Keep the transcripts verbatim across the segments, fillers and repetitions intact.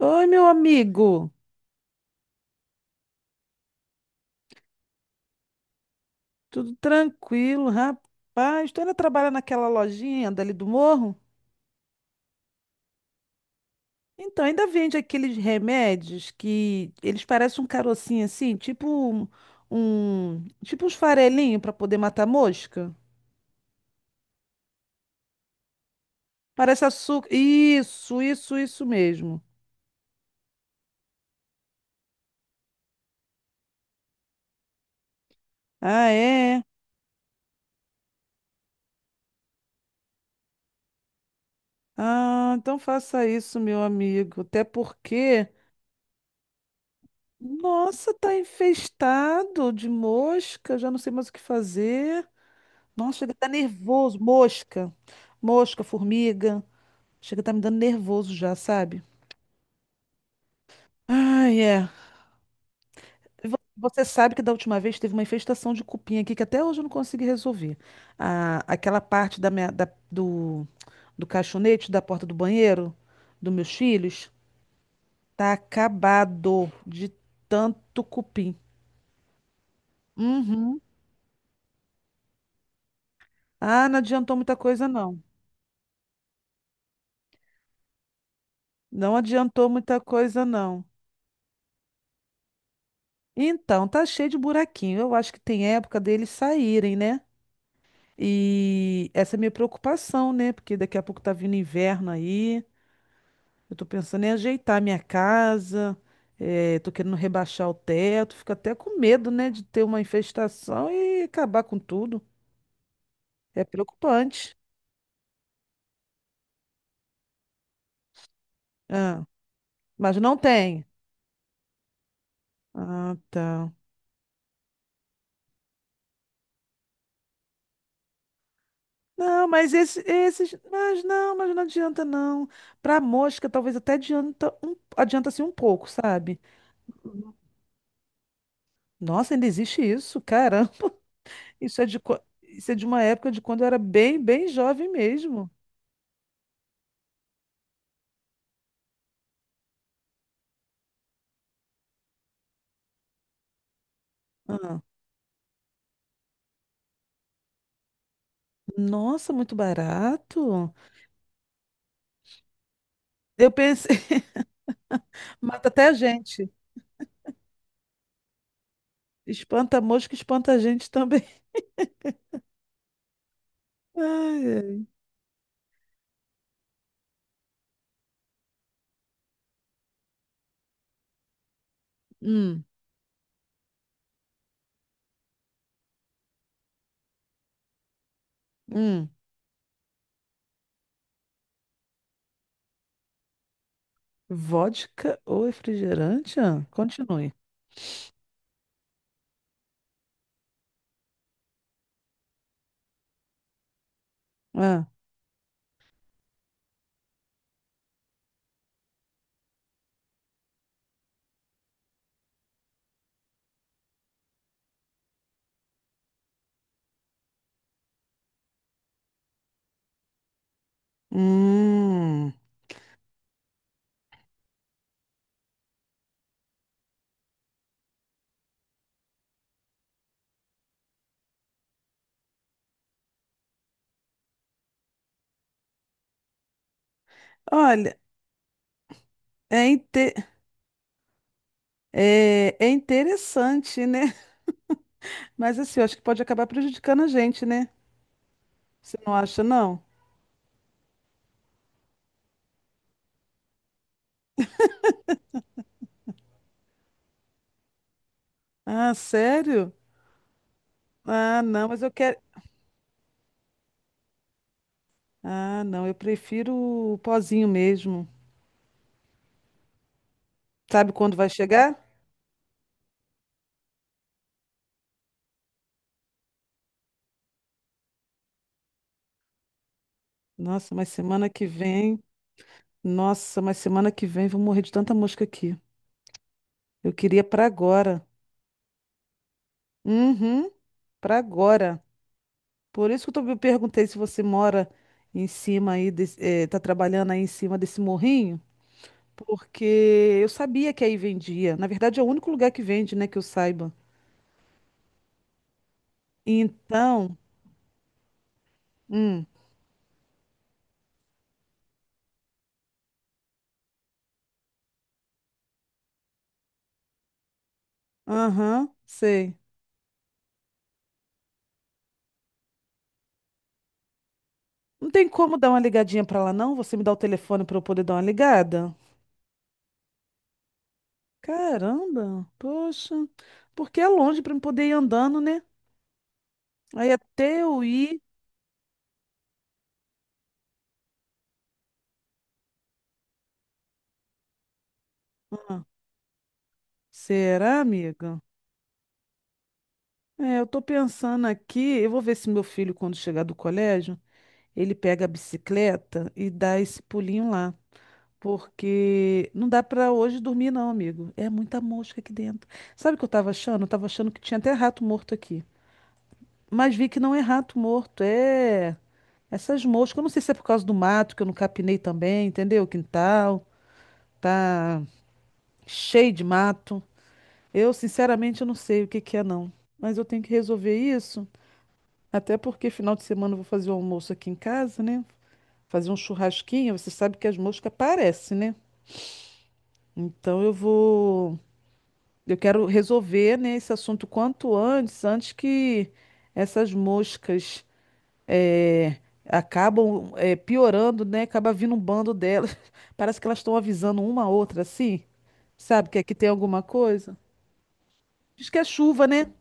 Oi, meu amigo. Tudo tranquilo, rapaz? Tu ainda trabalha naquela lojinha dali do morro? Então, ainda vende aqueles remédios que eles parecem um carocinho assim, tipo um, um- tipo uns farelinhos para poder matar mosca? Parece açúcar. Isso, isso, isso mesmo. Ah, é? Ah, então faça isso, meu amigo. Até porque, nossa, tá infestado de mosca, já não sei mais o que fazer. Nossa, ele tá nervoso. Mosca. Mosca, formiga. Chega a tá me dando nervoso já, sabe? Ai, é. E vo- você sabe que da última vez teve uma infestação de cupim aqui que até hoje eu não consegui resolver. A, aquela parte da minha, da- do, do caixonete da porta do banheiro dos meus filhos tá acabado de tanto cupim. Uhum. Ah, não adiantou muita coisa, não. Não adiantou muita coisa, não. Então, tá cheio de buraquinho. Eu acho que tem época deles saírem, né? E essa é a minha preocupação, né? Porque daqui a pouco tá vindo inverno aí. Eu tô pensando em ajeitar a minha casa. Eh, tô querendo rebaixar o teto. Fico até com medo, né? De ter uma infestação e acabar com tudo. É preocupante. Ah, mas não tem. Ah, tá. Não, mas esse- esses. Mas não, mas não adianta, não. Pra mosca, talvez até adianta um, adianta assim um pouco, sabe? Nossa, ainda existe isso? Caramba, isso é de, qua- isso é de uma época de quando eu era bem, bem jovem mesmo. Ah, nossa, muito barato. Eu pensei, mata até a gente. Espanta a mosca, espanta a gente também. Ai, ai. Hum, hum. Vodka ou refrigerante? Ah, continue. Ah, hum. Olha, é, inte- é, é interessante, né? Mas assim, eu acho que pode acabar prejudicando a gente, né? Você não acha, não? Ah, sério? Ah, não, mas eu quero. Ah, não, eu prefiro o pozinho mesmo. Sabe quando vai chegar? Nossa, mas semana que vem. Nossa, mas semana que vem vou morrer de tanta mosca aqui. Eu queria pra agora. Uhum, pra agora. Por isso que eu tô- eu perguntei se você mora em cima aí, desse, eh, tá trabalhando aí em cima desse morrinho, porque eu sabia que aí vendia. Na verdade, é o único lugar que vende, né, que eu saiba. Então, hum, aham, sei. Não tem como dar uma ligadinha pra lá, não? Você me dá o telefone pra eu poder dar uma ligada? Caramba, poxa. Porque é longe pra eu poder ir andando, né? Aí até eu ir. Ah, será, amiga? É, eu tô pensando aqui. Eu vou ver se meu filho, quando chegar do colégio, ele pega a bicicleta e dá esse pulinho lá. Porque não dá pra hoje dormir, não, amigo. É muita mosca aqui dentro. Sabe o que eu tava achando? Eu tava achando que tinha até rato morto aqui. Mas vi que não é rato morto, é. Essas moscas, eu não sei se é por causa do mato que eu não capinei também, entendeu? O quintal tá cheio de mato. Eu, sinceramente, eu não sei o que que é, não. Mas eu tenho que resolver isso, até porque final de semana eu vou fazer um almoço aqui em casa, né? Fazer um churrasquinho, você sabe que as moscas aparecem, né? Então eu vou. Eu quero resolver, né, esse assunto quanto antes, antes que essas moscas eh, acabam eh, piorando, né? Acaba vindo um bando delas. Parece que elas estão avisando uma a outra, assim. Sabe que aqui tem alguma coisa? Diz que é chuva, né?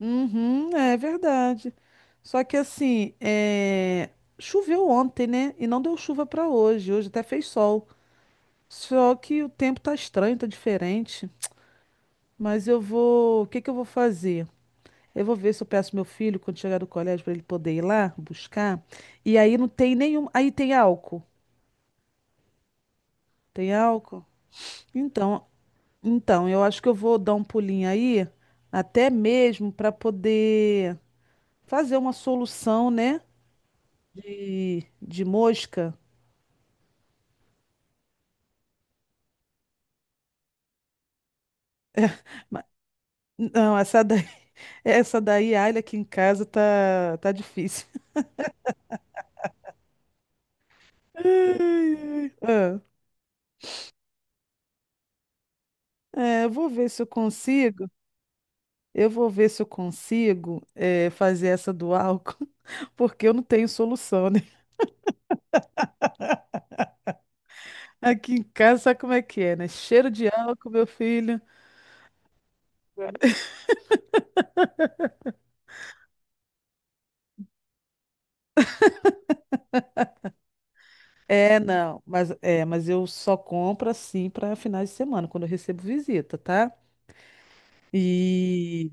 Uhum, é verdade. Só que assim, eh, choveu ontem, né? E não deu chuva para hoje. Hoje até fez sol. Só que o tempo tá estranho, tá diferente. Mas eu vou. O que que eu vou fazer? Eu vou ver se eu peço meu filho quando chegar do colégio para ele poder ir lá buscar. E aí não tem nenhum. Aí tem álcool. Tem álcool? Então, então, eu acho que eu vou dar um pulinho aí, até mesmo para poder fazer uma solução, né? De, de mosca. Ma- Não, essa daí, essa daí, alho aqui em casa tá, tá difícil. Ai, ai. Ah, é, eu vou ver se eu consigo. Eu vou ver se eu consigo é, fazer essa do álcool, porque eu não tenho solução, né? Aqui em casa, sabe como é que é, né? Cheiro de álcool, meu filho. É, não, mas é, mas eu só compro assim para finais de semana, quando eu recebo visita, tá? E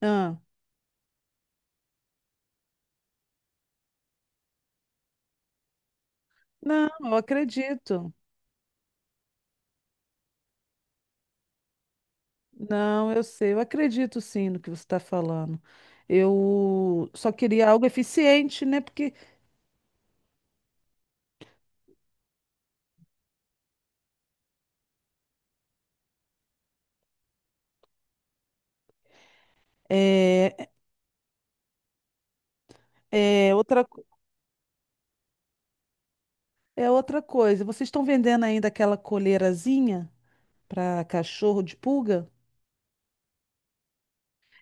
ah, não, eu acredito. Não, eu sei, eu acredito sim no que você está falando. Eu só queria algo eficiente, né? Porque é, é outra, co- é outra coisa. Vocês estão vendendo ainda aquela coleirazinha para cachorro de pulga?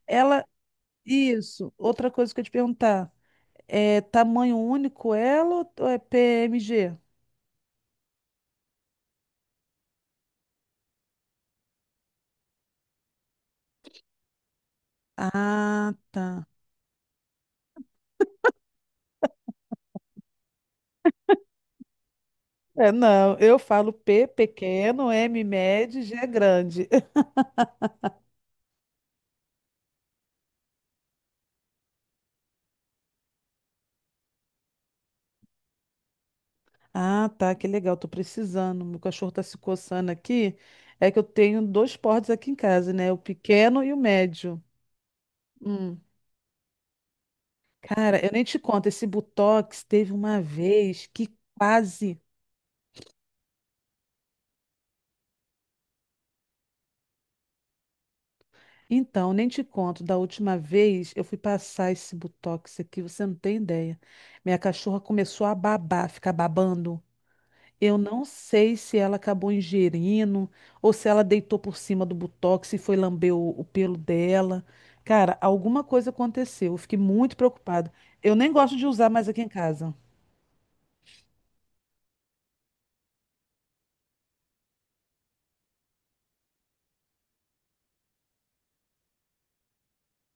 Ela, isso, outra coisa que eu ia te perguntar. É tamanho único ela ou ou é P M G? Ah, tá. É, não, eu falo P pequeno, M médio, G grande. Ah, tá, que legal, tô precisando. Meu cachorro tá se coçando aqui. É que eu tenho dois portes aqui em casa, né? O pequeno e o médio. Hum. Cara, eu nem te conto, esse Botox teve uma vez que quase. Então, nem te conto, da última vez eu fui passar esse botox aqui, você não tem ideia. Minha cachorra começou a babar, ficar babando. Eu não sei se ela acabou ingerindo ou se ela deitou por cima do botox e foi lamber o, o pelo dela. Cara, alguma coisa aconteceu. Eu fiquei muito preocupada. Eu nem gosto de usar mais aqui em casa.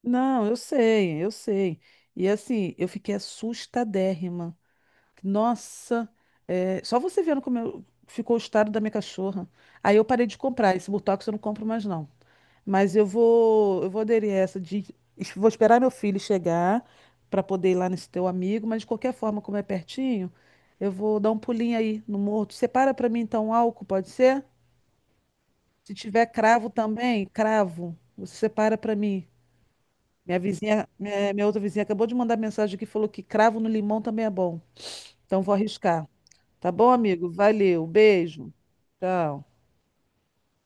Não, eu sei, eu sei. E assim, eu fiquei assustadérrima. Nossa, é, só você vendo como eu- ficou o estado da minha cachorra. Aí eu parei de comprar. Esse Botox eu não compro mais, não. Mas eu vou, eu vou aderir a essa de. es- Vou esperar meu filho chegar para poder ir lá nesse teu amigo, mas de qualquer forma, como é pertinho, eu vou dar um pulinho aí no morto. Separa para mim então um álcool, pode ser? Se tiver cravo também, cravo. Você separa para mim. Minha vizinha, minha, minha outra vizinha acabou de mandar mensagem que falou que cravo no limão também é bom. Então vou arriscar. Tá bom, amigo? Valeu. Um beijo. Tchau.